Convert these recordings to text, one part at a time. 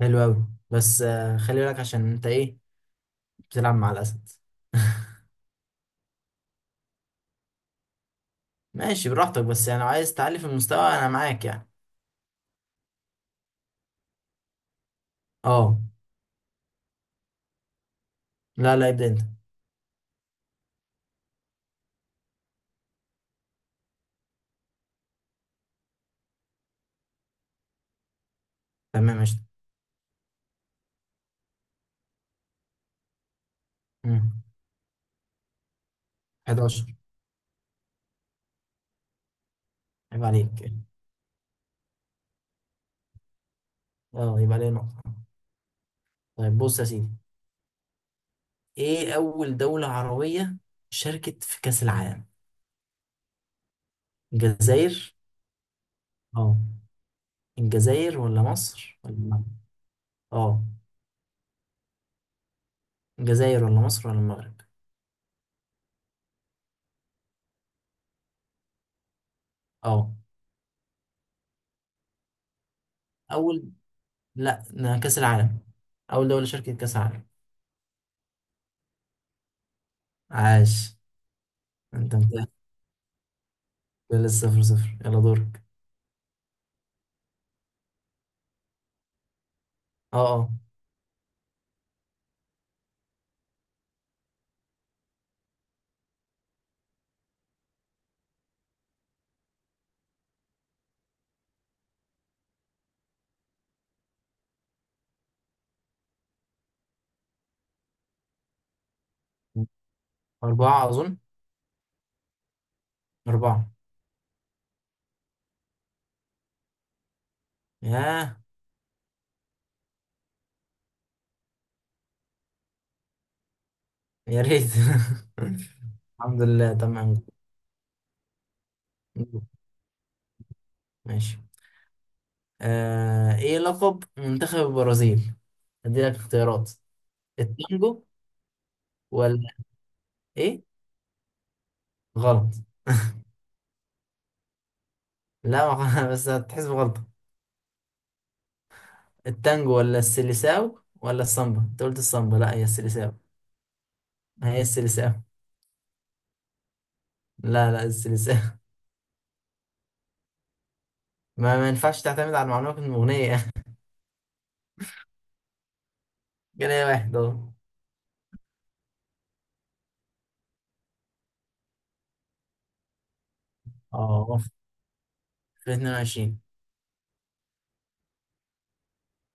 حلو أوي بس خلي بالك عشان أنت إيه بتلعب مع الأسد. ماشي براحتك بس يعني لو عايز تعلي في المستوى أنا معاك يعني. أه. لا، ابدأ أنت. تمام قشطة. مم. 11. عيب عليك. أه يبقى عليه نقطة. طيب بص يا سيدي، إيه أول دولة عربية شاركت في كأس العالم؟ الجزائر. أه، الجزائر ولا مصر ولا المغرب؟ أه، الجزائر ولا مصر ولا المغرب؟ أه، أول، لا ده كأس العالم. أول دولة شاركت كأس العالم. عاش، انت متأهل. لسه صفر صفر، يلا دورك. اه. اه، أربعة أظن. أربعة. ياه، يا ريت. الحمد لله، تمام. ماشي. إيه لقب منتخب البرازيل؟ أديلك اختيارات، التانجو ولا إيه؟ غلط. لا بس هتحسب غلطة. التانجو ولا السيليساو ولا السامبا؟ أنت قلت السامبا، لا هي السيليساو. هي السيليساو. لا، السيليساو. ما ينفعش تعتمد على المعلومة من الأغنية. جنيه واحد، اه. اه، في 22.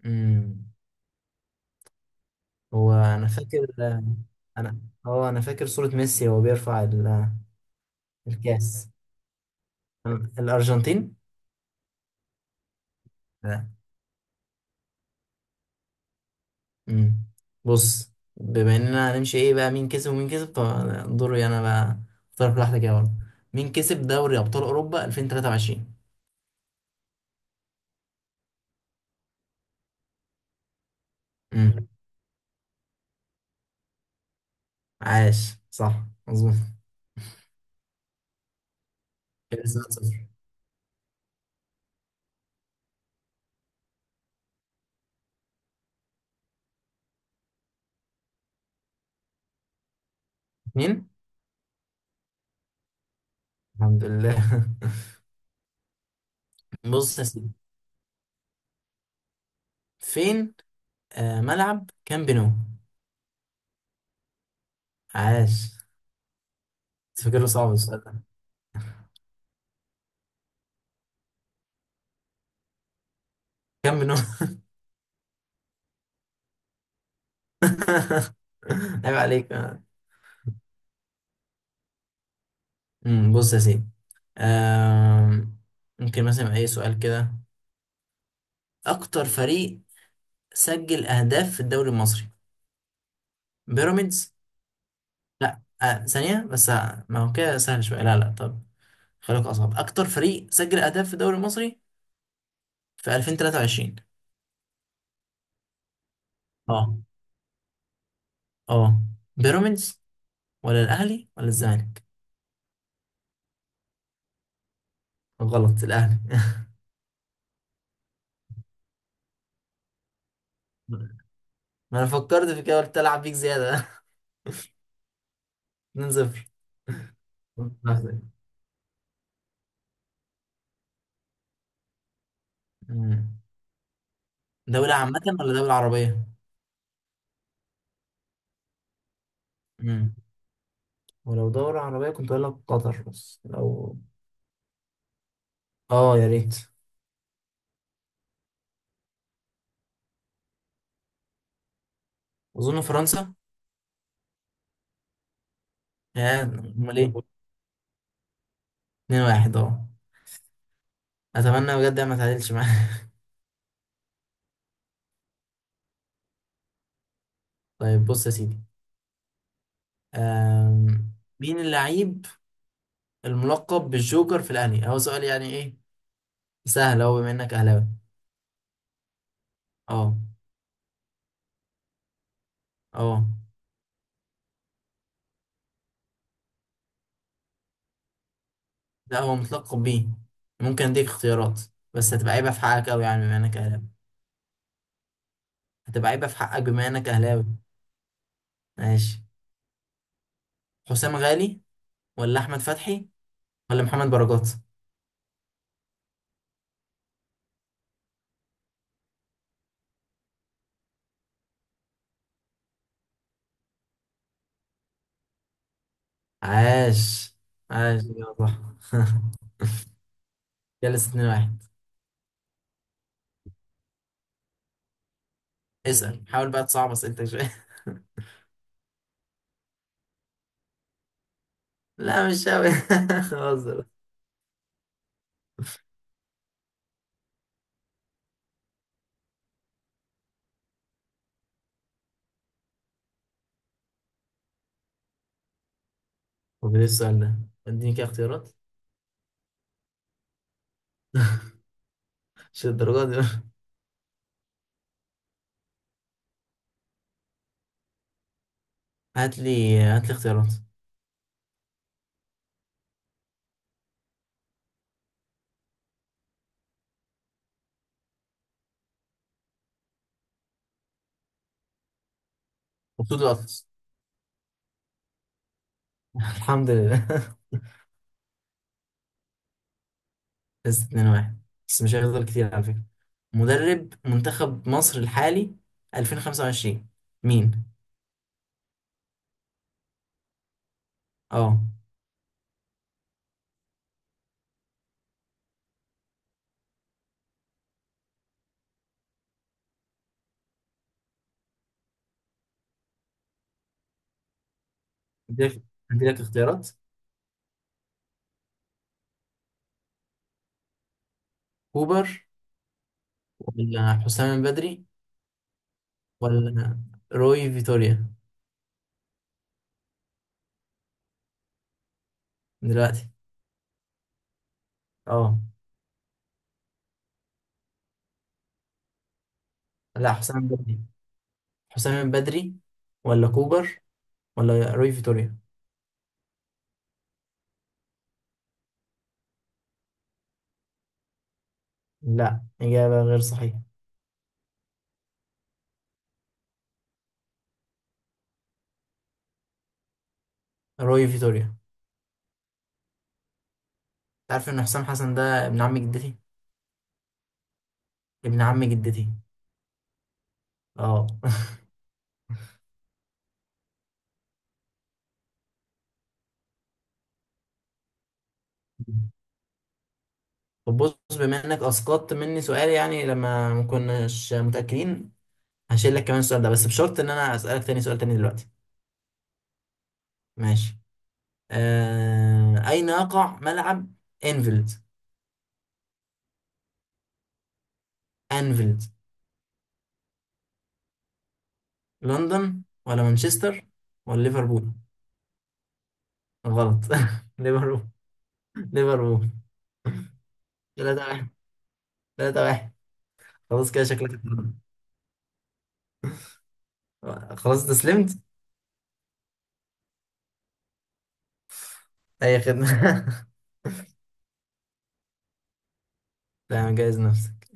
امم، هو انا فاكر. انا، اه انا فاكر صورة ميسي وهو بيرفع الكاس. الارجنتين. لا. امم، بص، بما اننا هنمشي، ايه بقى مين كسب ومين كسب فدوري انا بقى. اختار في واحدة كده برضه، مين كسب دوري ابطال اوروبا 2023؟ امم. عاش، صح مظبوط. كده لسه 1-0. اتنين. الحمد لله. بص يا سيدي، فين، ملعب كامب نو؟ عاش. تفكره صعب السؤال ده. كم منهم؟ عيب عليك. امم، بص يا سيدي، آم، ممكن مثلا اي سؤال كده. اكتر فريق سجل اهداف في الدوري المصري؟ بيراميدز. لا ثانية بس، ما هو كده سهل شوية، لا طب خليك اصعب. اكتر فريق سجل اهداف في الدوري المصري في 2023؟ اه. اه، بيراميدز ولا الاهلي ولا الزمالك؟ غلط، الاهلي. ما انا فكرت في كده، قلت العب بيك زيادة. 2-0. قصدك. مم. دولة عامة ولا دولة عربية؟ مم. ولو دولة عربية كنت أقول لك قطر، بس لو، يا ريت. أظن فرنسا. يا أمال إيه؟ اتنين واحد، أه. أتمنى بجد ما تعادلش معايا. طيب بص يا سيدي، أم... مين اللعيب الملقب بالجوكر في الأهلي؟ هو سؤال يعني إيه سهل أهو بما إنك أهلاوي. أه. أه. لا هو متلقب بيه. ممكن أديك اختيارات بس هتبقى عيبة في حقك أوي يعني بما إنك أهلاوي. هتبقى عيبة في حقك بما إنك أهلاوي. ماشي، حسام غالي ولا احمد فتحي ولا محمد بركات؟ عاش. عاش يا صح. جلس 2 واحد. اسأل، حاول بقى تصعب اسئلتك شوية. لا مش قوي، بهزر. طب ايه السؤال ده، اديني كده اختيارات. مش الدرجات دي. هات لي هات لي اختيارات. مبسوط الاطلس. الحمد لله. لسه 2 واحد، بس مش هيفضل كتير على فكرة. مدرب منتخب مصر الحالي 2025 مين؟ اه. اديلك، اديلك اختيارات. كوبر ولا حسام بدري ولا روي فيتوريا؟ دلوقتي. اه. لا حسام بدري. حسام بدري ولا كوبر ولا روي فيتوريا؟ لا إجابة غير صحيحة. روي فيتوريا. تعرف إن حسام حسن ده ابن عم جدتي. ابن عم جدتي. اه. طب بص، بما إنك أسقطت مني سؤال يعني لما ما كناش متأكدين، هشيل لك كمان السؤال ده بس بشرط إن أنا أسألك تاني سؤال تاني دلوقتي. ماشي. أين يقع ملعب أنفيلد؟ أنفيلد. لندن ولا مانشستر ولا ليفربول؟ غلط. ليفربول. ليفربول. ثلاثة واحد. ثلاثة واحد. خلاص كده شكلك اتفضل. خلاص استسلمت. أي خدمة. تمام جايز نفسك.